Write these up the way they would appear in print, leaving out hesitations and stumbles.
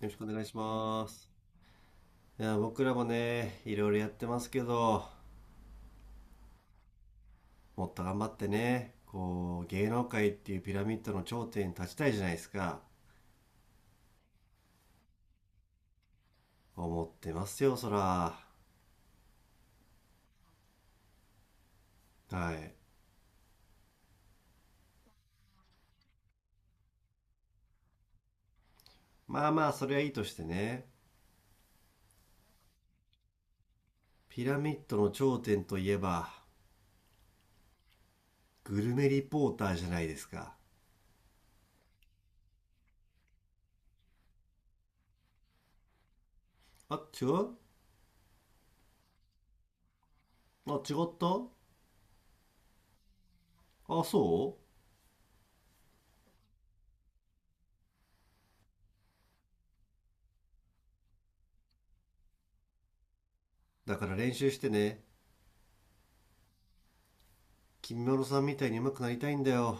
よろしくお願いします。いや、僕らもね、いろいろやってますけど、もっと頑張ってね、こう、芸能界っていうピラミッドの頂点に立ちたいじゃないですか。思ってますよ、そら。はい。まあまあ、それはいいとしてね、ピラミッドの頂点といえば、グルメリポーターじゃないですか。あ、違う。あ、違った。あ、そう。だから練習してね、君まろさんみたいに上手くなりたいんだよ。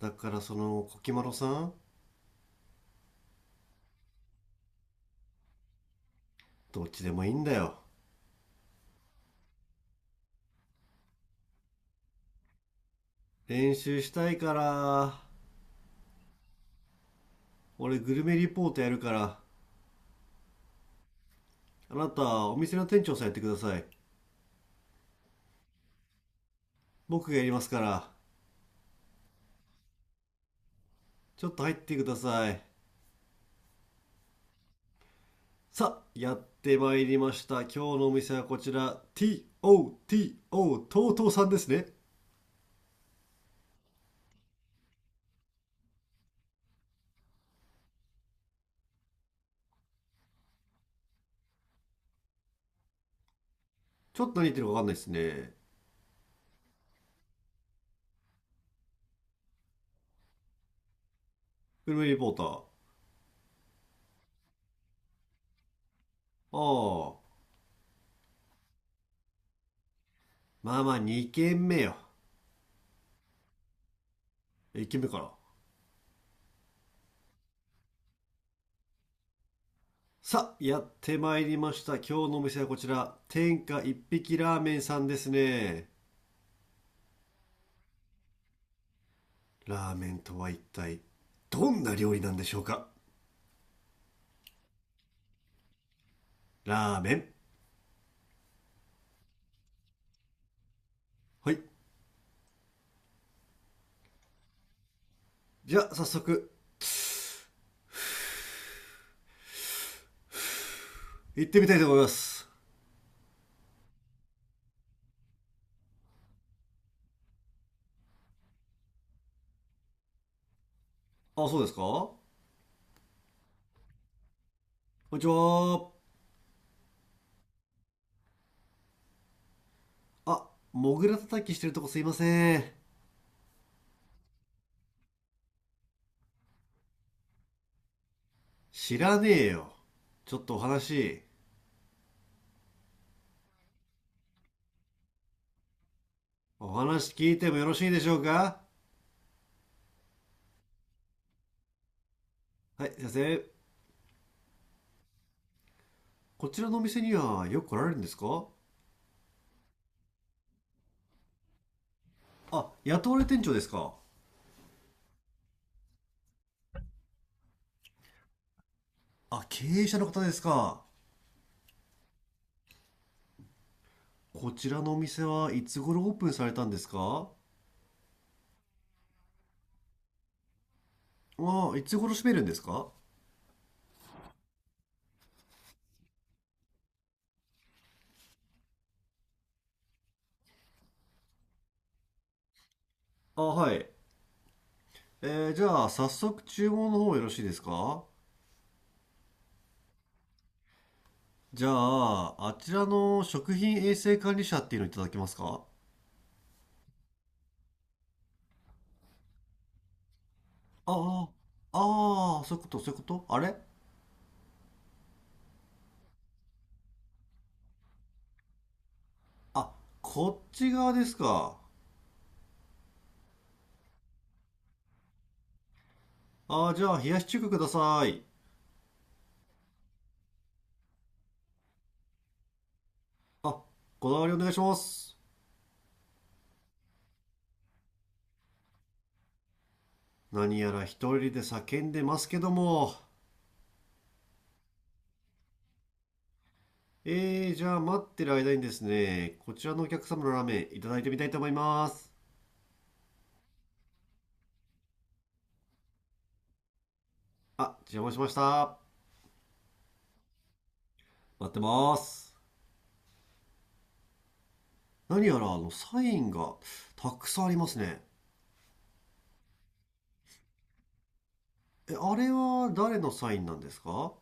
だからその、コキまろさん。どっちでもいいんだよ。練習したいから。俺グルメリポートやるから、あなたお店の店長さんやってください。僕がやりますから、ちょっと入ってください。さあ、やってまいりました。今日のお店はこちら、 TOTO、 とうとうさんですね。ちょっと何言ってるか分かんないですね。グルメリポーター。ああ、まあまあ、2軒目よ。1軒目から。さあ、やってまいりました。今日のお店はこちら、天下一匹ラーメンさんですね。ラーメンとは一体どんな料理なんでしょうか？ラーメン。はい。じゃあ、早速行ってみたいと思います。あ、そうですか。こんにちは。あ、モグラ叩きしてるとこすいません。知らねえよ。ちょっとお話、お話聞いてもよろしいでしょうか？はい、先生。こちらのお店にはよく来られるんですか？あ、雇われ店長ですか？あ、経営者の方ですか？こちらのお店はいつ頃オープンされたんですか？あ、いつ頃閉めるんですか？あ、はい。じゃあ、早速注文の方よろしいですか？じゃあ、あちらの食品衛生管理者っていうのいただけますか？ああ、ああ、そういうこと、そういうこと、あれ。あ、こっち側ですか？ああ、じゃあ、冷やし中華ください。あ、こだわりお願いします。何やら一人で叫んでますけども。じゃあ、待ってる間にですね、こちらのお客様のラーメンいただいてみたいと思います。あ、邪魔しました。待ってます。何やらあのサインがたくさんありますね。え、あれは誰のサインなんですか？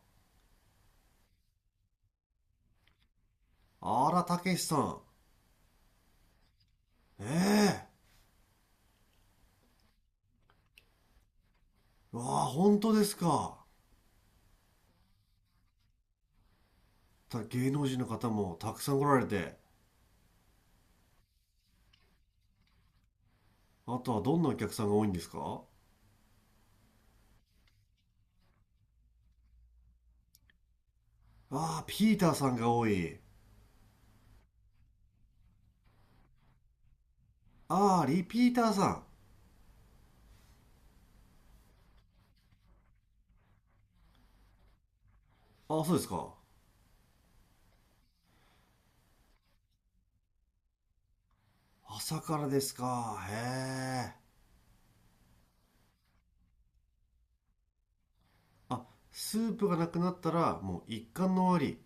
あら、たけしさん。ええー、わあ、本当ですか？芸能人の方もたくさん来られて。あとはどんなお客さんが多いんですか？ああ、ピーターさんが多い。ああ、リピーターさん。ああ、そうですか。朝からですか？へえ。あ、スープがなくなったらもう一貫の終わり。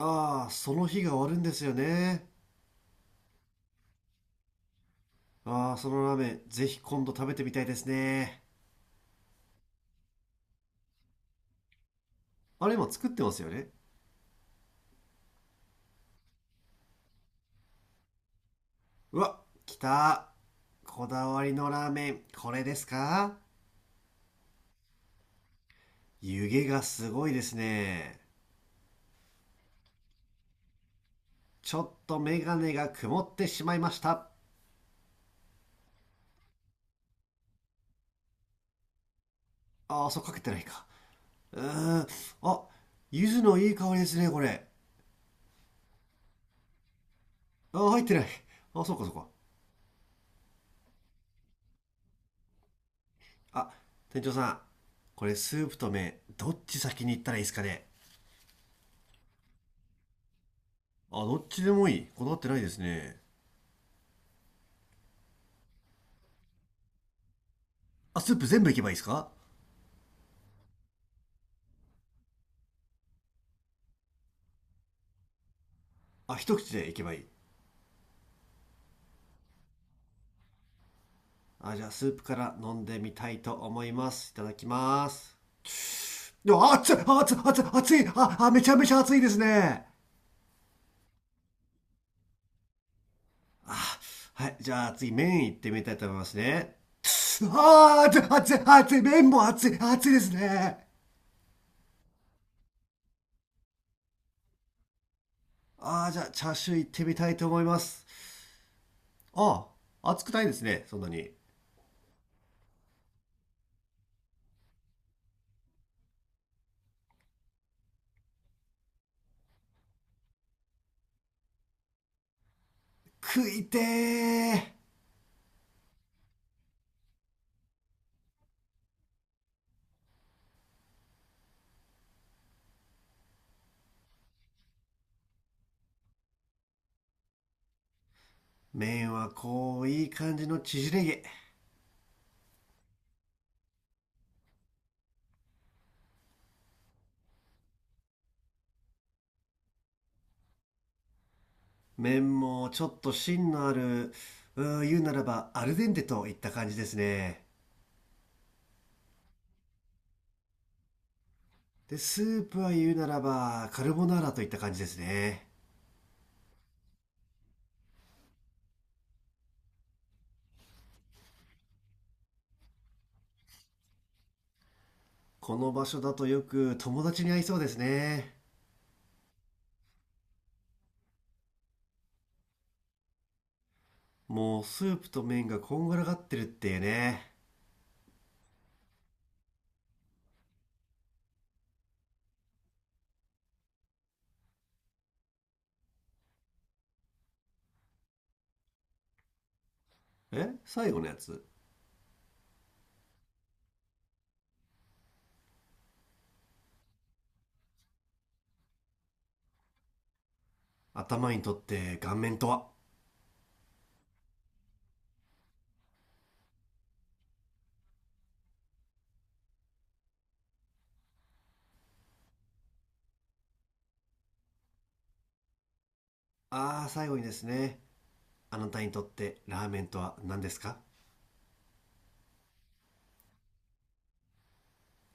ああ、その日が終わるんですよね。ああ、そのラーメン、ぜひ今度食べてみたいですね。あれ、今作ってますよね。うわ、来た。こだわりのラーメン、これですか？湯気がすごいですね。ちょっとメガネが曇ってしまいました。ああ、そうかけてないか。うーん。あ、柚子のいい香りですね、これ。ああ、入ってない。ああ、そうかそうか。あ、店長さん。これスープと麺、どっち先に行ったらいいですかね？あ、どっちでもいい。こだわってないですね。あ、スープ全部いけばいいですか？あ、一口でいけばいい。あ、じゃあ、スープから飲んでみたいと思います。いただきます。でも、あ、熱い熱い熱い熱い、ああ、めちゃめちゃ熱いですね。あ、はい。じゃあ、次麺いってみたいと思いますね。ああ、熱い熱い熱い、麺も熱い熱いですね。ああ、じゃあ、チャーシューいってみたいと思います。あ、あ、熱くないですね、そんなに。食いてー。麺はこういい感じの縮れ毛。麺もちょっと芯のある、言うならばアルデンテといった感じですね。で、スープは言うならばカルボナーラといった感じですね。この場所だとよく友達に会いそうですね。もうスープと麺がこんがらがってるっていうね。え、最後のやつ？頭にとって顔面とは？ああ、最後にですね。あなたにとってラーメンとは何ですか？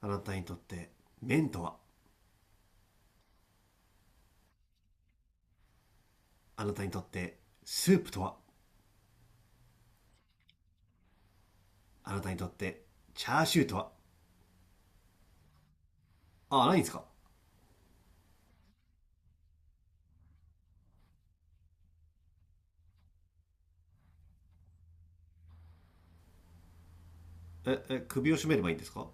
あなたにとって麺とは？あなたにとってスープとは？あなたにとってチャーシューとは？あ、ないんですか？え、え、首を絞めればいいんですか？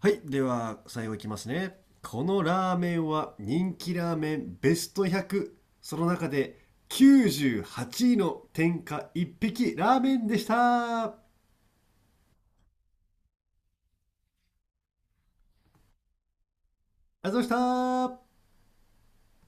はい、では、最後いきますね。このラーメンは人気ラーメンベスト100。その中で98位の天下一匹ラーメンでした。ありがとうございました。